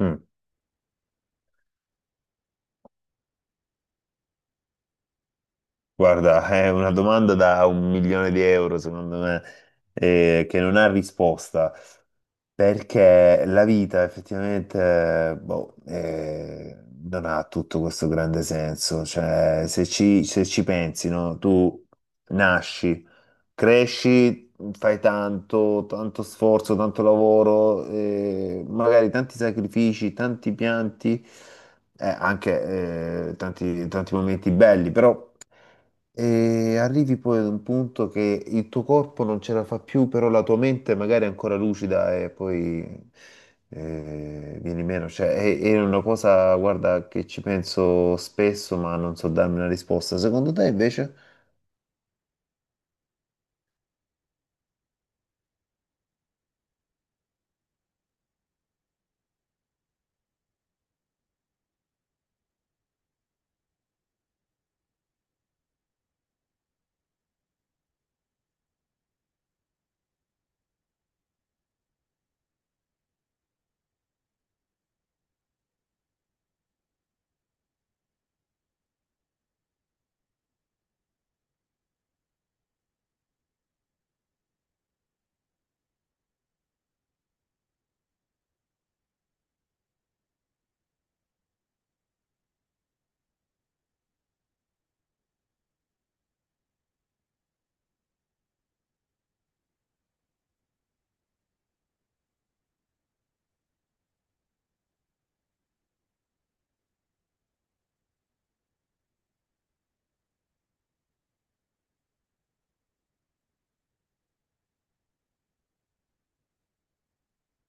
Mm. Guarda, è una domanda da un milione di euro, secondo me, che non ha risposta, perché la vita effettivamente, boh, non ha tutto questo grande senso. Cioè, se ci pensi, no? Tu nasci, cresci, fai tanto, tanto sforzo, tanto lavoro, magari tanti sacrifici, tanti pianti, anche tanti tanti momenti belli, però. E arrivi poi ad un punto che il tuo corpo non ce la fa più, però la tua mente magari è ancora lucida e poi vieni meno. Cioè, è una cosa, guarda, che ci penso spesso, ma non so darmi una risposta. Secondo te invece?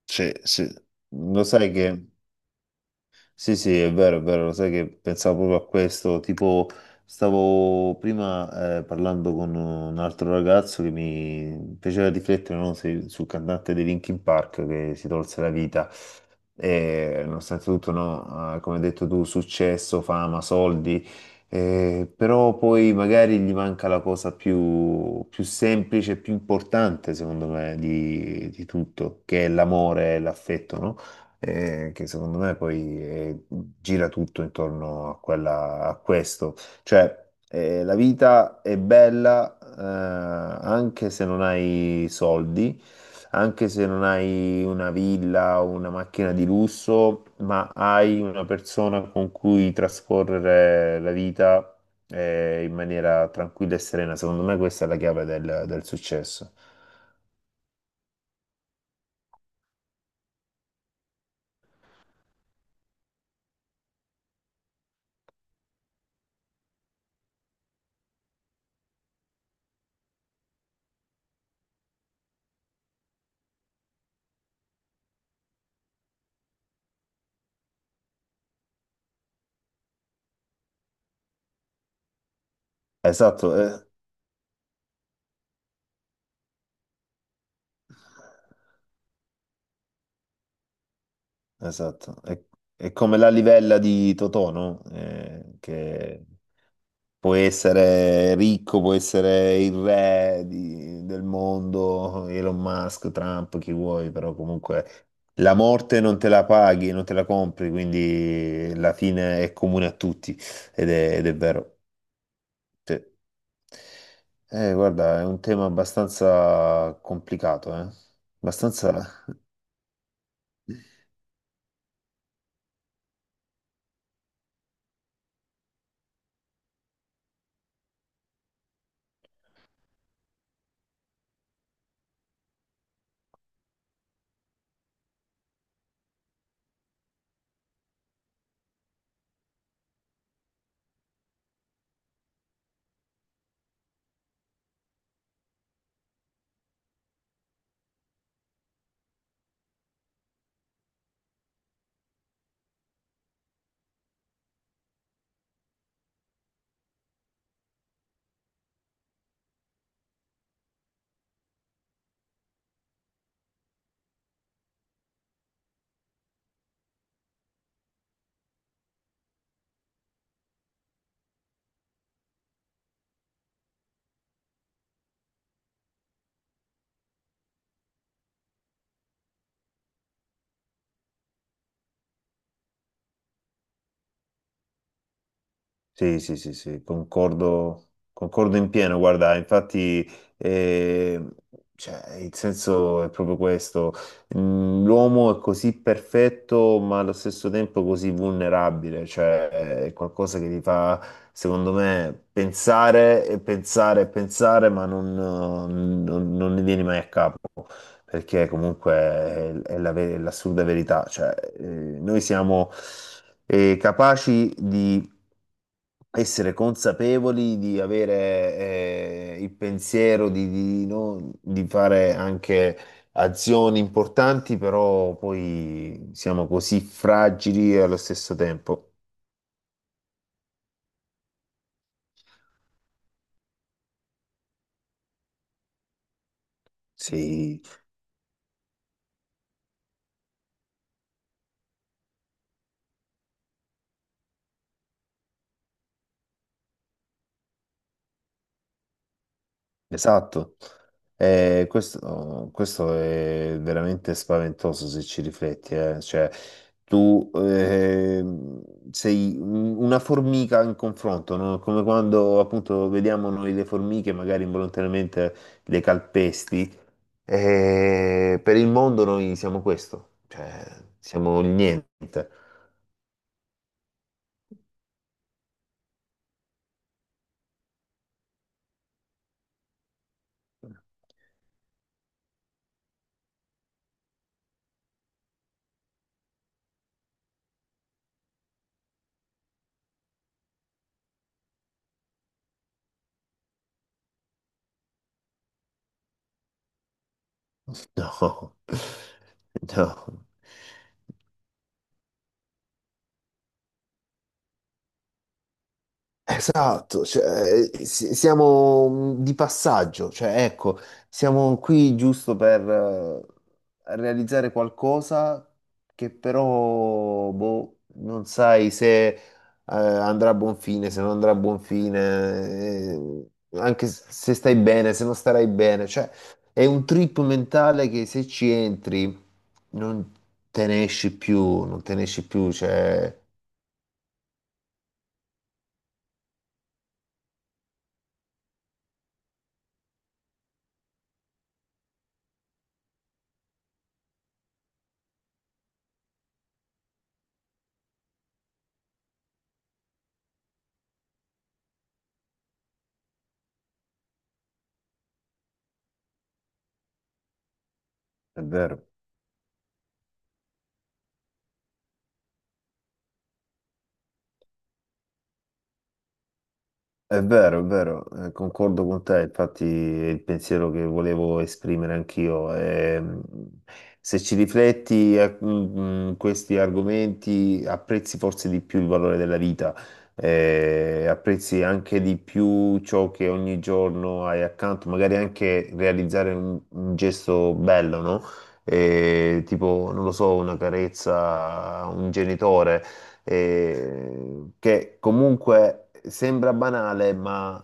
Sì, sì. Lo sai che. Sì, sì, è vero, lo sai che pensavo proprio a questo, tipo stavo prima parlando con un altro ragazzo che mi piaceva riflettere no, sul cantante dei Linkin Park che si tolse la vita e nonostante tutto, no, come hai detto tu, successo, fama, soldi, però poi magari gli manca la cosa più, più semplice, più importante secondo me di tutto, che è l'amore e l'affetto, no? Che secondo me poi gira tutto intorno a quella, a questo. Cioè, la vita è bella anche se non hai soldi, anche se non hai una villa o una macchina di lusso, ma hai una persona con cui trascorrere la vita. In maniera tranquilla e serena, secondo me questa è la chiave del successo. Esatto, esatto, è come la livella di Totò, no? Che può essere ricco, può essere il re del mondo, Elon Musk, Trump, chi vuoi, però comunque la morte non te la paghi, non te la compri, quindi la fine è comune a tutti ed è vero. Sì. Guarda, è un tema abbastanza complicato, eh? Abbastanza. Sì, sì, sì, sì, concordo, concordo in pieno, guarda, infatti, eh, cioè, il senso è proprio questo. L'uomo è così perfetto ma allo stesso tempo così vulnerabile, cioè è qualcosa che ti fa, secondo me, pensare e pensare e pensare, ma non ne vieni mai a capo, perché comunque è la l'assurda verità, cioè, noi siamo, capaci di essere consapevoli di avere il pensiero di no- di fare anche azioni importanti, però poi siamo così fragili e allo stesso tempo. Sì. Esatto. Questo è veramente spaventoso se ci rifletti, eh. Cioè, tu sei una formica in confronto, no? Come quando appunto vediamo noi le formiche, magari involontariamente le calpesti. Per il mondo noi siamo questo, cioè siamo il niente. No, no. Esatto, cioè, siamo di passaggio, cioè, ecco, siamo qui giusto per realizzare qualcosa che però boh, non sai se andrà a buon fine, se non andrà a buon fine, eh, anche se stai bene, se non starai bene, cioè è un trip mentale che se ci entri non te ne esci più, non te ne esci più, cioè. È vero. È vero, è vero, concordo con te, infatti è il pensiero che volevo esprimere anch'io. Se ci rifletti, questi argomenti apprezzi forse di più il valore della vita, apprezzi anche di più ciò che ogni giorno hai accanto, magari anche realizzare un gesto bello, no? Tipo, non lo so, una carezza a un genitore che comunque sembra banale, ma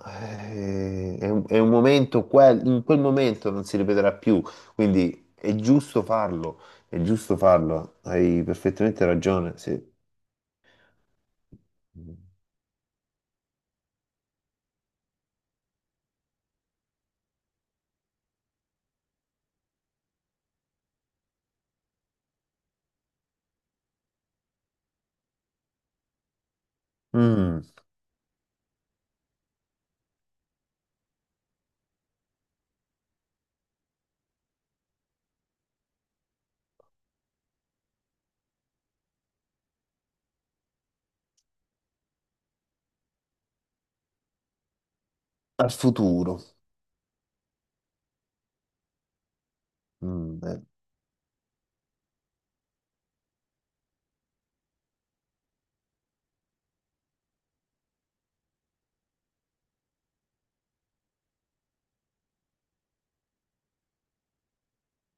è un momento, in quel momento non si ripeterà più, quindi è giusto farlo, hai perfettamente ragione, sì. Mm, al futuro. Mm.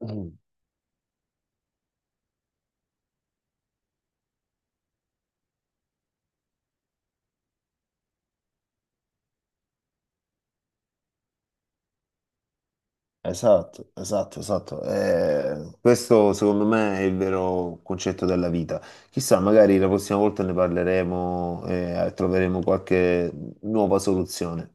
Mm. Esatto, esatto, esatto. Questo secondo me è il vero concetto della vita. Chissà, magari la prossima volta ne parleremo e troveremo qualche nuova soluzione.